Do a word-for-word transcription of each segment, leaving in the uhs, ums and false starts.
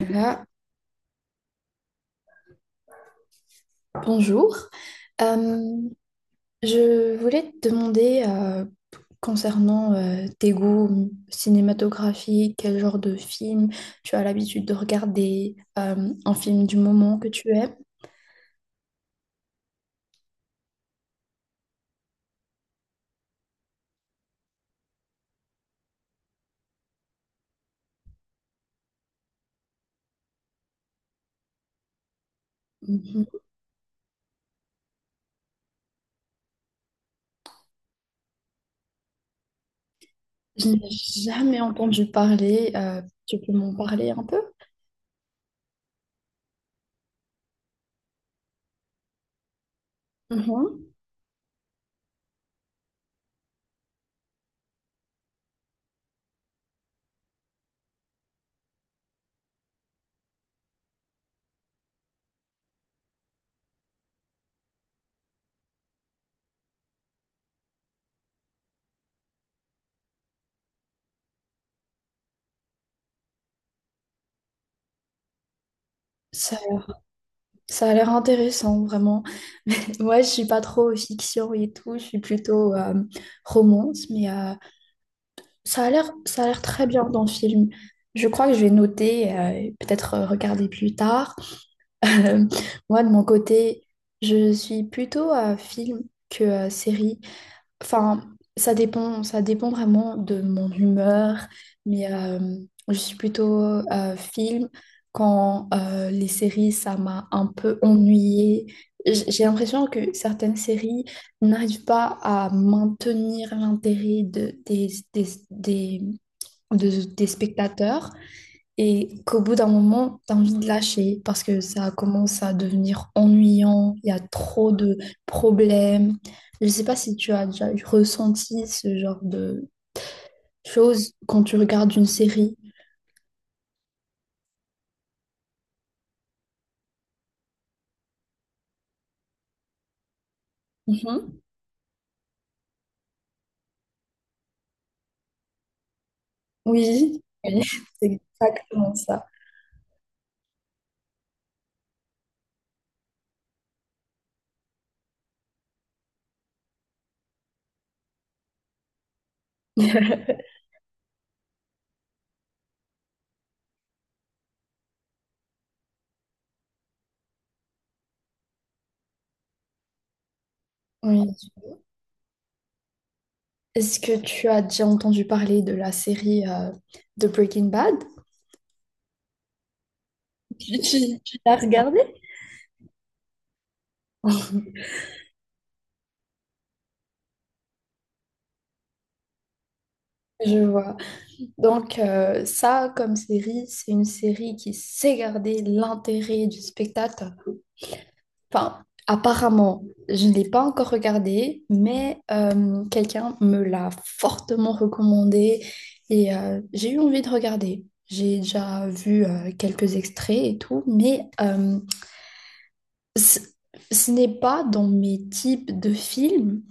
Voilà, bonjour. Euh, je voulais te demander euh, concernant euh, tes goûts cinématographiques, quel genre de film tu as l'habitude de regarder, euh, un film du moment que tu aimes. Mhm. Je n'ai jamais entendu parler. euh, tu peux m'en parler un peu? Mhm. Ça, ça a l'air intéressant, vraiment. Ouais, je suis pas trop fiction et tout, je suis plutôt euh, romance, mais euh, Ça a l'air, ça a l'air très bien dans le film. Je crois que je vais noter, euh, peut-être euh, regarder plus tard. Euh, moi, de mon côté, je suis plutôt euh, film que euh, série. Enfin, ça dépend, ça dépend vraiment de mon humeur, mais euh, je suis plutôt euh, film quand euh, les séries, ça m'a un peu ennuyée. J- J'ai l'impression que certaines séries n'arrivent pas à maintenir l'intérêt de, des, des, des- de, des spectateurs et qu'au bout d'un moment, tu as envie de lâcher parce que ça commence à devenir ennuyant, il y a trop de problèmes. Je ne sais pas si tu as déjà ressenti ce genre de choses quand tu regardes une série. Mhm. Oui, oui, c'est exactement ça. Oui. Est-ce que tu as déjà entendu parler de la série euh, de Breaking Bad? Tu, tu- tu l'as regardée? Je vois. Donc euh, ça, comme série, c'est une série qui sait garder l'intérêt du spectateur. Enfin, apparemment, je ne l'ai pas encore regardée, mais euh, quelqu'un me l'a fortement recommandée et euh, j'ai eu envie de regarder. J'ai déjà vu euh, quelques extraits et tout, mais euh, ce ce n'est pas dans mes types de films,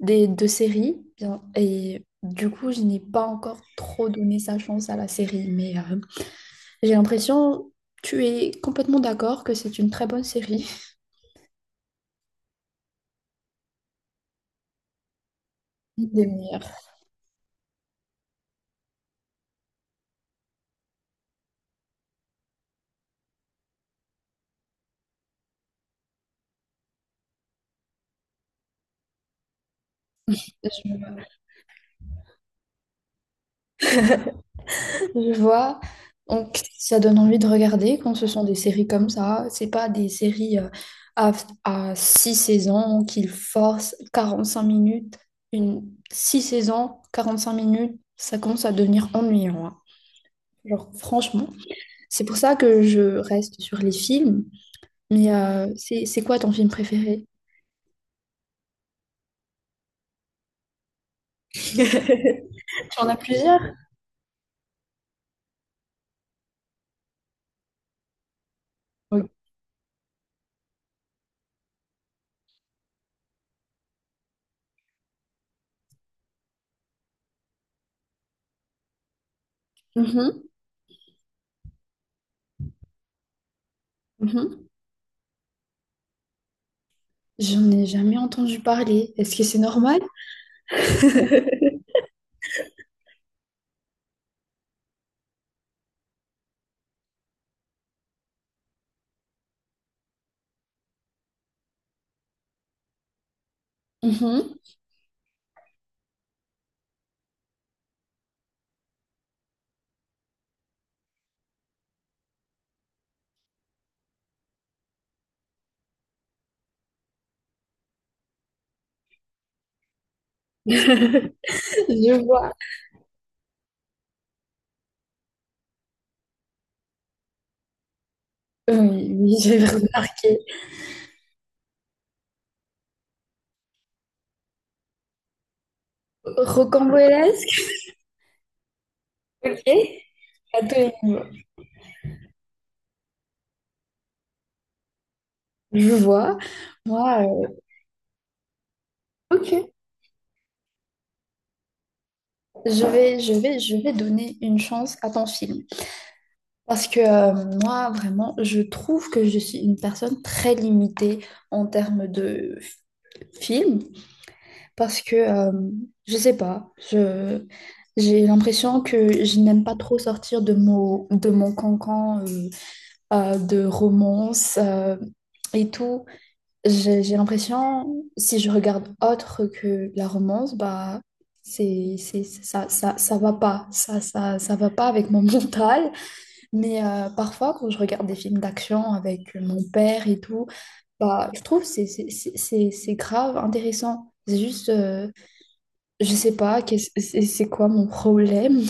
des, de séries, bien, et du coup, je n'ai pas encore trop donné sa chance à la série, mais... euh, J'ai l'impression, tu es complètement d'accord que c'est une très bonne série. Une Des meilleures. Je, je vois. Donc, ça donne envie de regarder quand ce sont des séries comme ça. C'est pas des séries euh, à, à six saisons qu'ils forcent quarante-cinq minutes. Une six saisons, quarante-cinq minutes, ça commence à devenir ennuyant, hein. Genre, franchement. C'est pour ça que je reste sur les films. Mais euh, c'est c'est quoi ton film préféré? Tu en as plusieurs? Oui. Mm-hmm. Mhm. J'en ai jamais entendu parler. Est-ce que c'est normal? Mhm. Je vois. Oui, oui, j'ai remarqué. Rocambolesque, ok, à tous les niveaux. Je vois. Moi, euh, ok. Je vais, je vais, je vais donner une chance à ton film. Parce que euh, moi, vraiment, je trouve que je suis une personne très limitée en termes de f- film. Parce que euh, je sais pas, je j'ai l'impression que je n'aime pas trop sortir de mon de mon cancan euh, euh, de romance euh, et tout. J'ai j'ai l'impression si je regarde autre que la romance, bah c'est c'est ça ça ça va pas, ça ça ça va pas avec mon mental. Mais euh, parfois quand je regarde des films d'action avec mon père et tout, bah je trouve c'est c'est c'est c'est- c'est grave intéressant. C'est juste euh, je sais pas quest c'est c'est quoi mon problème,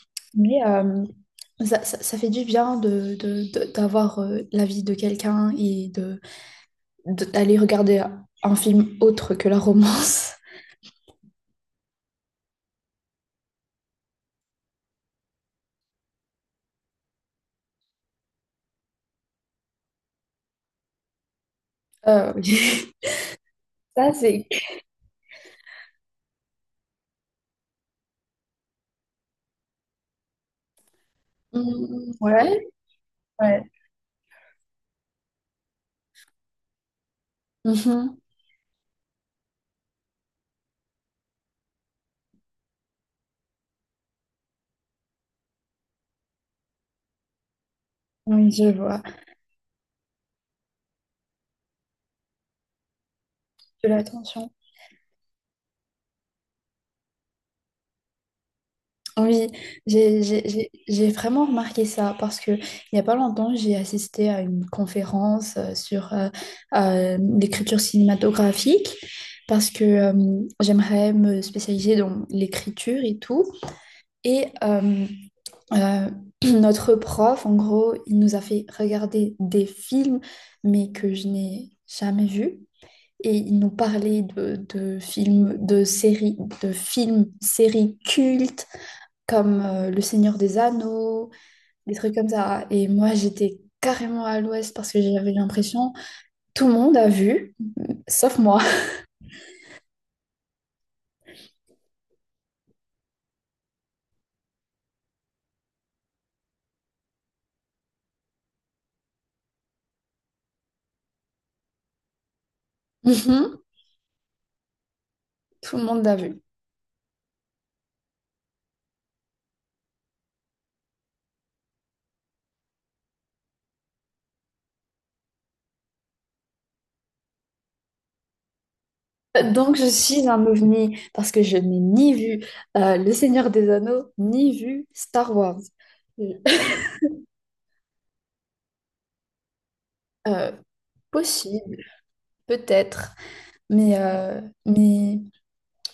mais euh, ça, ça- ça fait du bien de, de- de- d'avoir euh, l'avis de quelqu'un et de, de- d'aller regarder un film autre que la romance. Euh, Ça, c'est. Mm, ouais, ouais. Mhm. Oui, je vois de l'attention. Oui, j'ai j'ai- j'ai- j'ai vraiment remarqué ça parce que il n'y a pas longtemps, j'ai assisté à une conférence euh, sur euh, euh, l'écriture cinématographique parce que euh, j'aimerais me spécialiser dans l'écriture et tout. Et euh, euh, notre prof, en gros, il nous a fait regarder des films, mais que je n'ai jamais vus. Et il nous parlait de, de films, de séries, de films, séries cultes comme euh, Le Seigneur des Anneaux, des trucs comme ça. Et moi, j'étais carrément à l'ouest parce que j'avais l'impression tout le monde a vu, sauf moi. Mhm. Tout le monde l'a vu. Donc, je suis un ovni parce que je n'ai ni vu euh, Le Seigneur des Anneaux, ni vu Star Wars. Euh, possible, peut-être, mais, euh, mais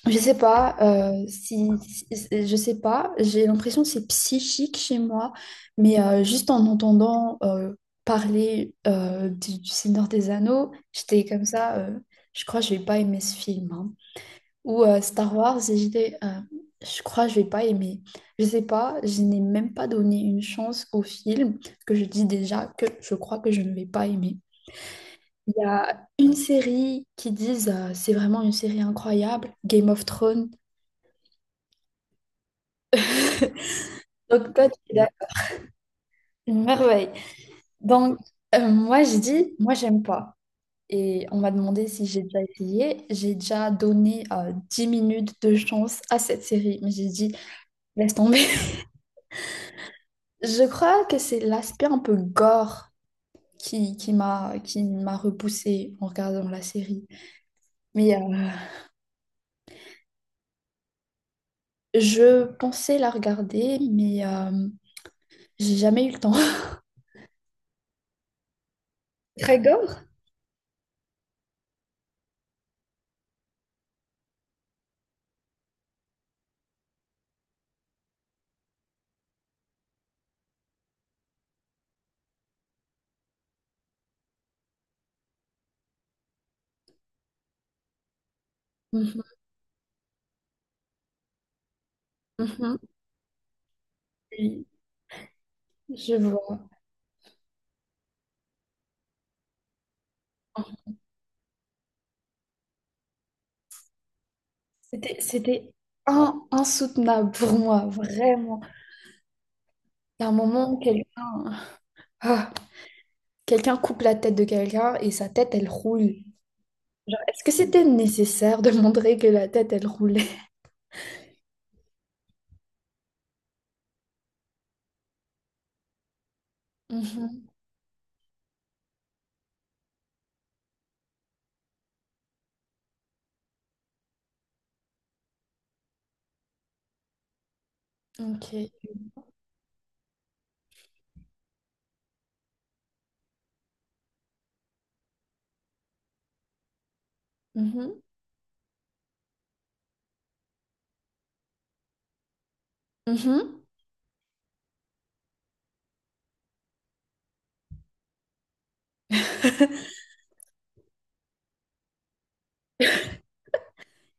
Je sais pas, euh, si, si- je sais pas, j'ai l'impression que c'est psychique chez moi, mais euh, juste en entendant euh, parler euh, du, du Seigneur des Anneaux, j'étais comme ça, euh, je crois que je vais pas aimer ce film, hein. Ou euh, Star Wars, et j'étais, euh, je crois que je vais pas aimer. Je sais pas, je n'ai même pas donné une chance au film, parce que je dis déjà que je crois que je ne vais pas aimer. Il y a une série qui disent euh, c'est vraiment une série incroyable, Game of Thrones. Donc, toi, tu es d'accord. Une merveille. Donc, euh, moi, j'ai dit, moi, j'aime pas. Et on m'a demandé si j'ai déjà essayé. J'ai déjà donné euh, dix minutes de chance à cette série, mais j'ai dit, laisse tomber. Je crois que c'est l'aspect un peu gore qui, qui m'a, qui m'a repoussée en regardant la série. Mais euh, je pensais la regarder, mais euh, j'ai jamais eu le temps. Très gore? Mhm, mhm. Oui, je vois. C'était, c'était in- insoutenable pour moi, vraiment. Il y a un moment, quelqu'un ah, quelqu'un coupe la tête de quelqu'un et sa tête, elle roule. Genre, est-ce que c'était nécessaire de montrer que la tête, elle roulait? Mhm, ok. Mhm, mhm.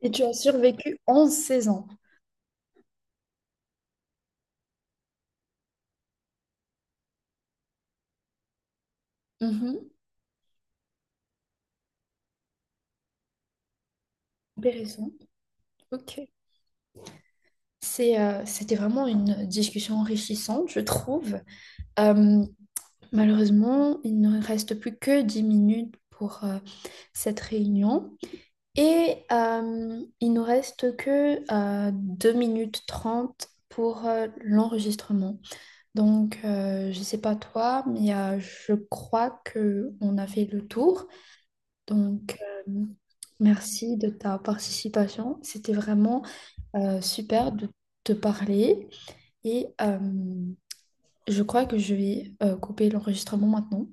Et tu as survécu onze seize ans. Mhm, intéressant. Ok. C'est, euh, c'était vraiment une discussion enrichissante, je trouve. Euh, malheureusement, il ne reste plus que dix minutes pour euh, cette réunion. Et euh, il nous reste que euh, deux minutes trente pour euh, l'enregistrement. Donc, euh, je ne sais pas toi, mais euh, je crois que on a fait le tour. Donc, euh, merci de ta participation. C'était vraiment euh, super de te parler. Et euh, je crois que je vais euh, couper l'enregistrement maintenant.